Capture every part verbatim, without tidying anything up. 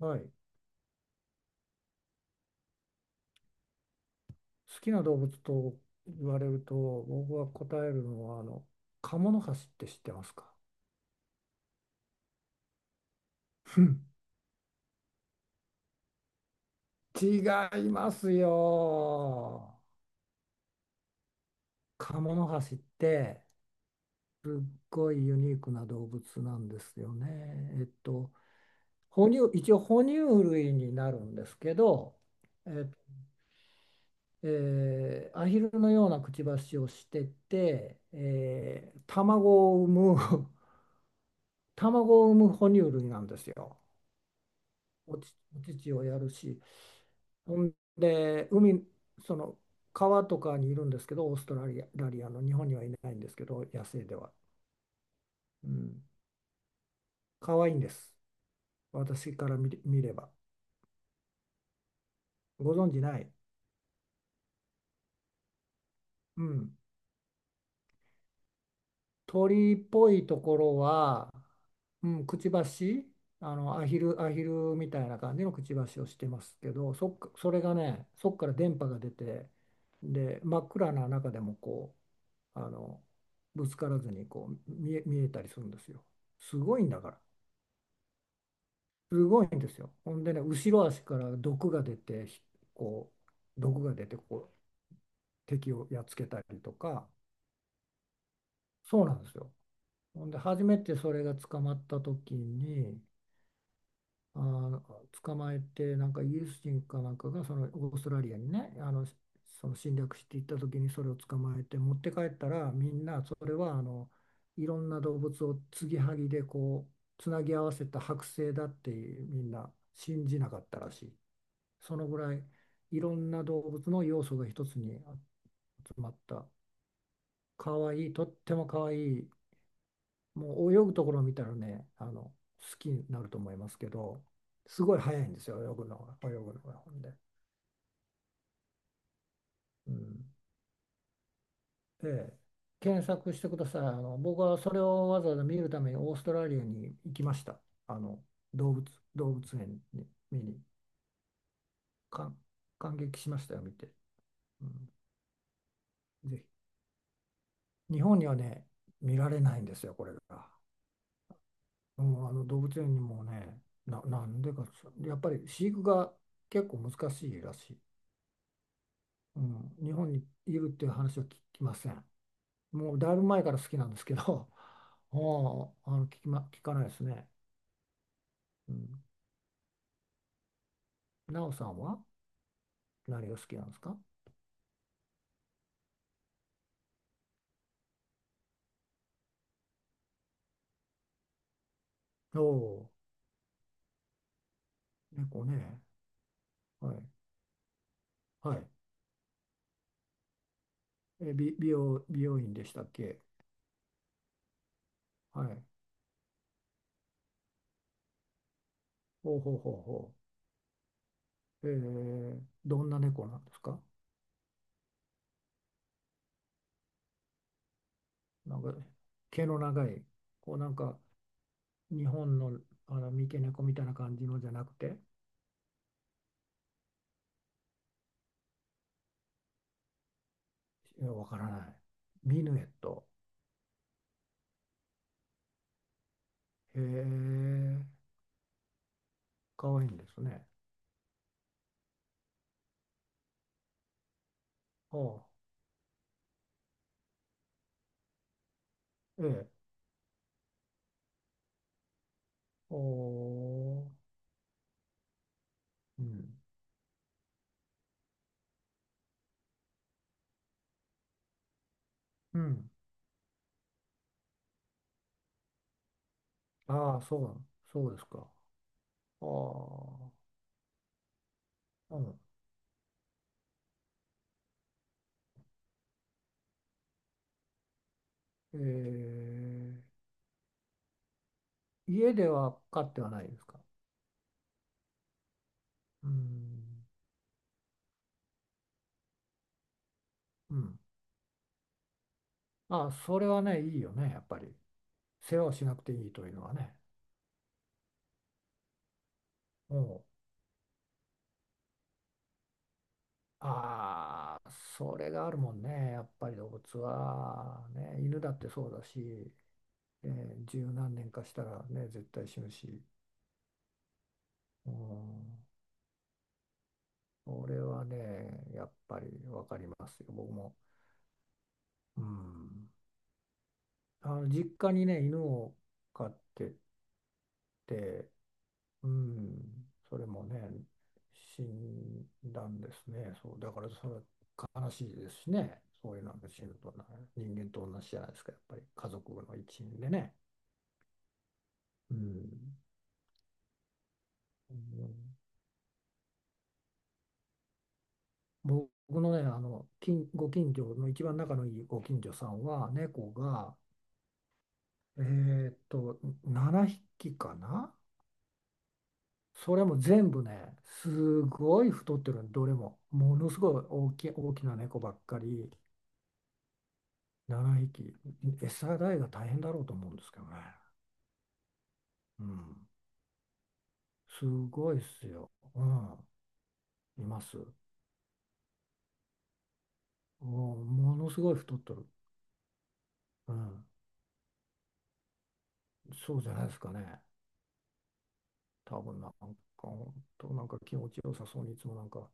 はい、好きな動物と言われると、僕は答えるのは、あのカモノハシって知ってますか？ふん。 違いますよ。カモノハシってすっごいユニークな動物なんですよ。ねえっと哺乳一応哺乳類になるんですけど、え、えーアヒルのようなくちばしをしてて、えー卵を産む 卵を産む哺乳類なんですよ。おち、お乳をやるし、ほんで、海、その川とかにいるんですけど、オーストラリア、ラリアの、日本にはいないんですけど、野生では。うん、可愛いんです。私から見れ、見れば。ご存じない。うん。鳥っぽいところは、うん、くちばし、あの、アヒル、アヒルみたいな感じのくちばしをしてますけど、そっか、それがね、そっから電波が出て、で、真っ暗な中でもこあのぶつからずに、こう見え、見えたりするんですよ。すごいんだから。すごいんですよ。ほんでね、後ろ足から毒が出て、ひこう、毒が出て、こう、敵をやっつけたりとか、そうなんですよ。ほんで、初めてそれが捕まった時に、あー捕まえて、なんかイギリス人かなんかが、そのオーストラリアにね、あのその侵略していった時に、それを捕まえて持って帰ったら、みんなそれは、あのいろんな動物を継ぎはぎでこうつなぎ合わせた剥製だって、みんな信じなかったらしい。そのぐらい、いろんな動物の要素が一つに集まった、かわいい、とってもかわいい。もう泳ぐところを見たらね、あの、好きになると思いますけど、すごい早いんですよ、泳ぐのが、泳ぐのが。ほんで、うん、ええ、検索してください。あの、僕はそれをわざわざ見るためにオーストラリアに行きました。あの、動物、動物園に見に、感感激しましたよ、見て。うん、ぜひ。日本にはね、見られないんですよ、これが。うん、あの動物園にもね、な、なんでか、やっぱり飼育が結構難しいらしい。うん、日本にいるっていう話は聞きません。もうだいぶ前から好きなんですけど、もうあの聞きま、聞かないですね。うん。なおさんは何が好きなんですか？おおー、猫ね。はい。はい。え、美、美容、美容院でしたっけ？はい。ほうほうほうほう。えー、どんな猫なんですか？なんか、毛の長い、こうなんか、日本の、あの三毛猫みたいな感じのじゃなくて、いやわからない。ミヌエット。へえ、かわいいんですね。ああ、ええ、おー、うん、うん、ああ、そう、そうですか。ああ、うん、ええ、家では飼ってはないですか？うん、うん、ああ、それはね、いいよね、やっぱり。世話をしなくていいというのはね。おうん、ああ、それがあるもんね、やっぱり動物は、ね、犬だってそうだし、ええ、十何年かしたらね、絶対死ぬし。うん、それはね、やっぱりわかりますよ、僕も。うん、あの実家にね、犬を飼ってて、うん、それもね、死んだんですね。そう、だからそれは悲しいですしね、そういうのが死ぬとな、人間と同じじゃないですか、やっぱり家族の一員でね。うん、うん、僕のね、あの、近ご近所の一番仲のいいご近所さんは、猫が、えーっと、ななひきかな。それも全部ね、すごい太ってるの、どれも。ものすごい大きい、大きな猫ばっかり、ななひき。餌代が大変だろうと思うんですけどね。うん。すごいっすよ。うん。います。もう、ものすごい太ってる。うん。そうじゃないですかね。多分なんか、本当なんか気持ちよさそうに、いつもなんか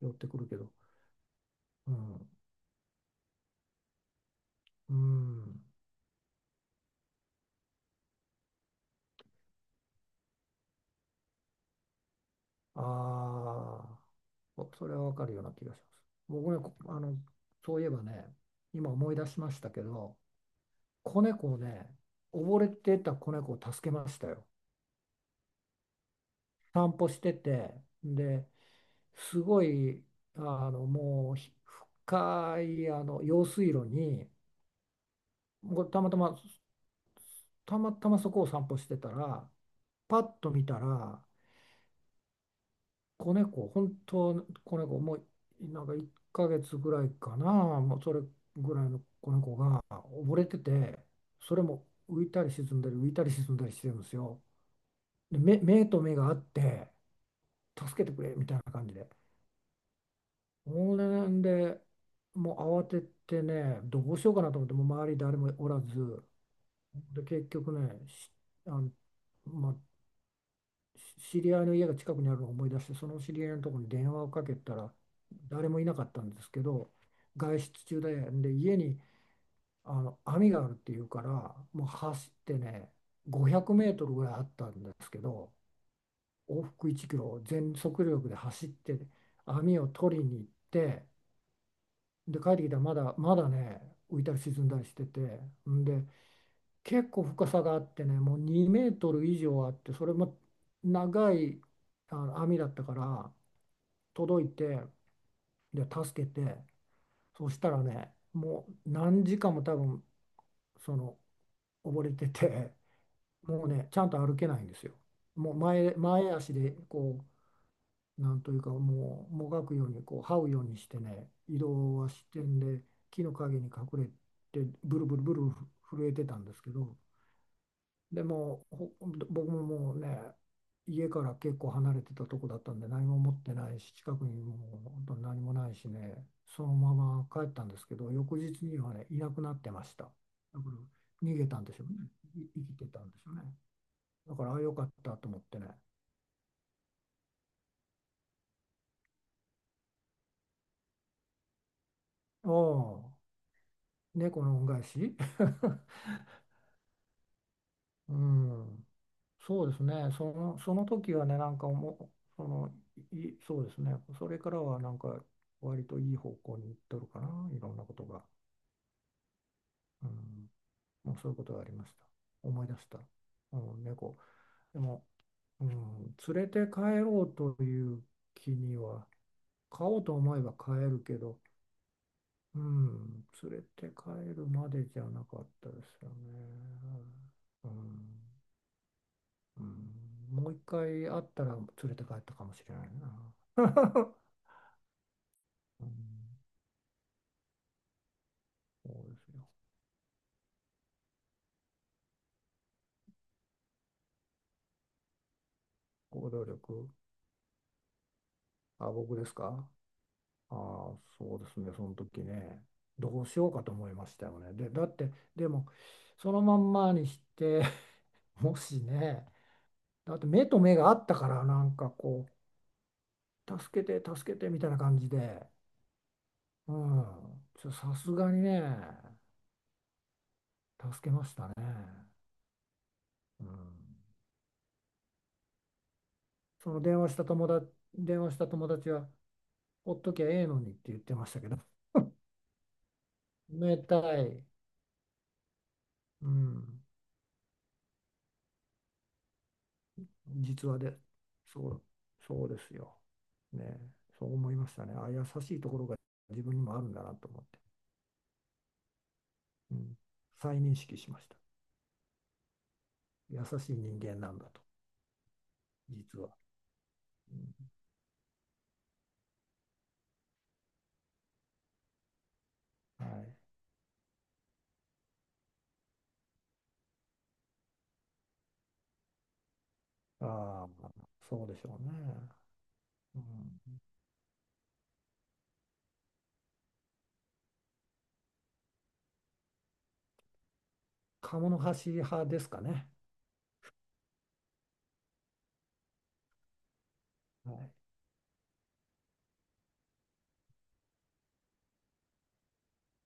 寄ってくるけど。うん。うん。ああ、そそれはわかるような気がします。僕ね、こあの、そういえばね、今思い出しましたけど、子猫をね、溺れてた子猫を助けましたよ。散歩してて、で、すごい、あの、もうひ深い、あの、用水路に、もうたまたま、たまたまそこを散歩してたら、パッと見たら、子猫、本当子猫、もうなんかいっかげつぐらいかな、もうそれぐらいの子猫が溺れてて、それも浮いたり沈んだり、浮いたり沈んだりしてるんですよ。で、目、目と目があって、助けてくれみたいな感じで。そんで、もう慌ててね、どうしようかなと思って、もう周り誰もおらず、で、結局ね、しあの、まあ、知り合いの家が近くにあるのを思い出して、その知り合いのところに電話をかけたら、誰もいなかったんですけど、外出中で、で家にあの網があるっていうから、もう走ってね、ごひゃくメートルぐらいあったんですけど、往復いちキロ全速力で走って、網を取りに行って、で帰ってきたら、まだまだね浮いたり沈んだりしてて、んで結構深さがあってね、もうにメートル以上あって、それも長いあの網だったから。届いて、で助けて、そしたらね、もう何時間も多分その溺れてて、もうね、ちゃんと歩けないんですよ。もう前、前足で、こう、なんというか、もうもがくように、こう這うようにしてね移動はしてんで、木の陰に隠れてブルブルブル震えてたんですけど、でもうほ僕ももうね、家から結構離れてたとこだったんで、何も持ってないし、近くにもう本当に何もないしね、そのまま帰ったんですけど、翌日にはねいなくなってました。だから逃げたんでしょうね、い生きてたんでしょうね。だから、ああよかったと思ってね。ああ、猫の恩返し。 うん。そうですね、その、その時はね、なんかもう、その、い、いそうですね、それからはなんか、割といい方向に行っとるかな、いろんなことが。うん、もうそういうことがありました。思い出した。うん、猫。でも、うん、連れて帰ろうという気には、飼おうと思えば飼えるけど、うん、連れて帰るまでじゃなかったですよね。うん、うん、もう一回会ったら連れて帰ったかもしれないな。うん、そうですよ。行動力。あ、僕ですか？ああ、そうですね。その時ね、どうしようかと思いましたよね。で、だって、でも、そのまんまにして、もしね、だって目と目があったから、なんかこう、助けて、助けてみたいな感じで、うん、ちょさすがにね、助けましたね。うん、その電話した友達、電話した友達は、ほっときゃええのにって言ってましたけど、冷たい。うん、実話で、そう、そうですよ。ね、そう思いましたね。あ、優しいところが自分にもあるんだなと思って、うん、再認識しました。優しい人間なんだと、実は。うん、はい。ああ、そうでしょうね。うん、鴨の橋派ですかね。はい、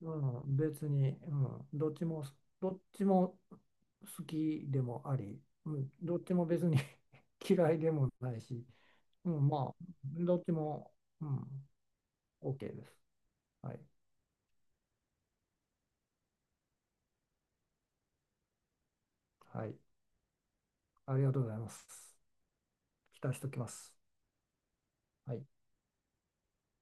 うん、別に、うん、どっちも、どっちも好きでもあり、うん、どっちも別に 嫌いでもないし、うん、まあ、どっちも、うん、OK です。はい、はい、ありがとうございます。期待しておきます。はい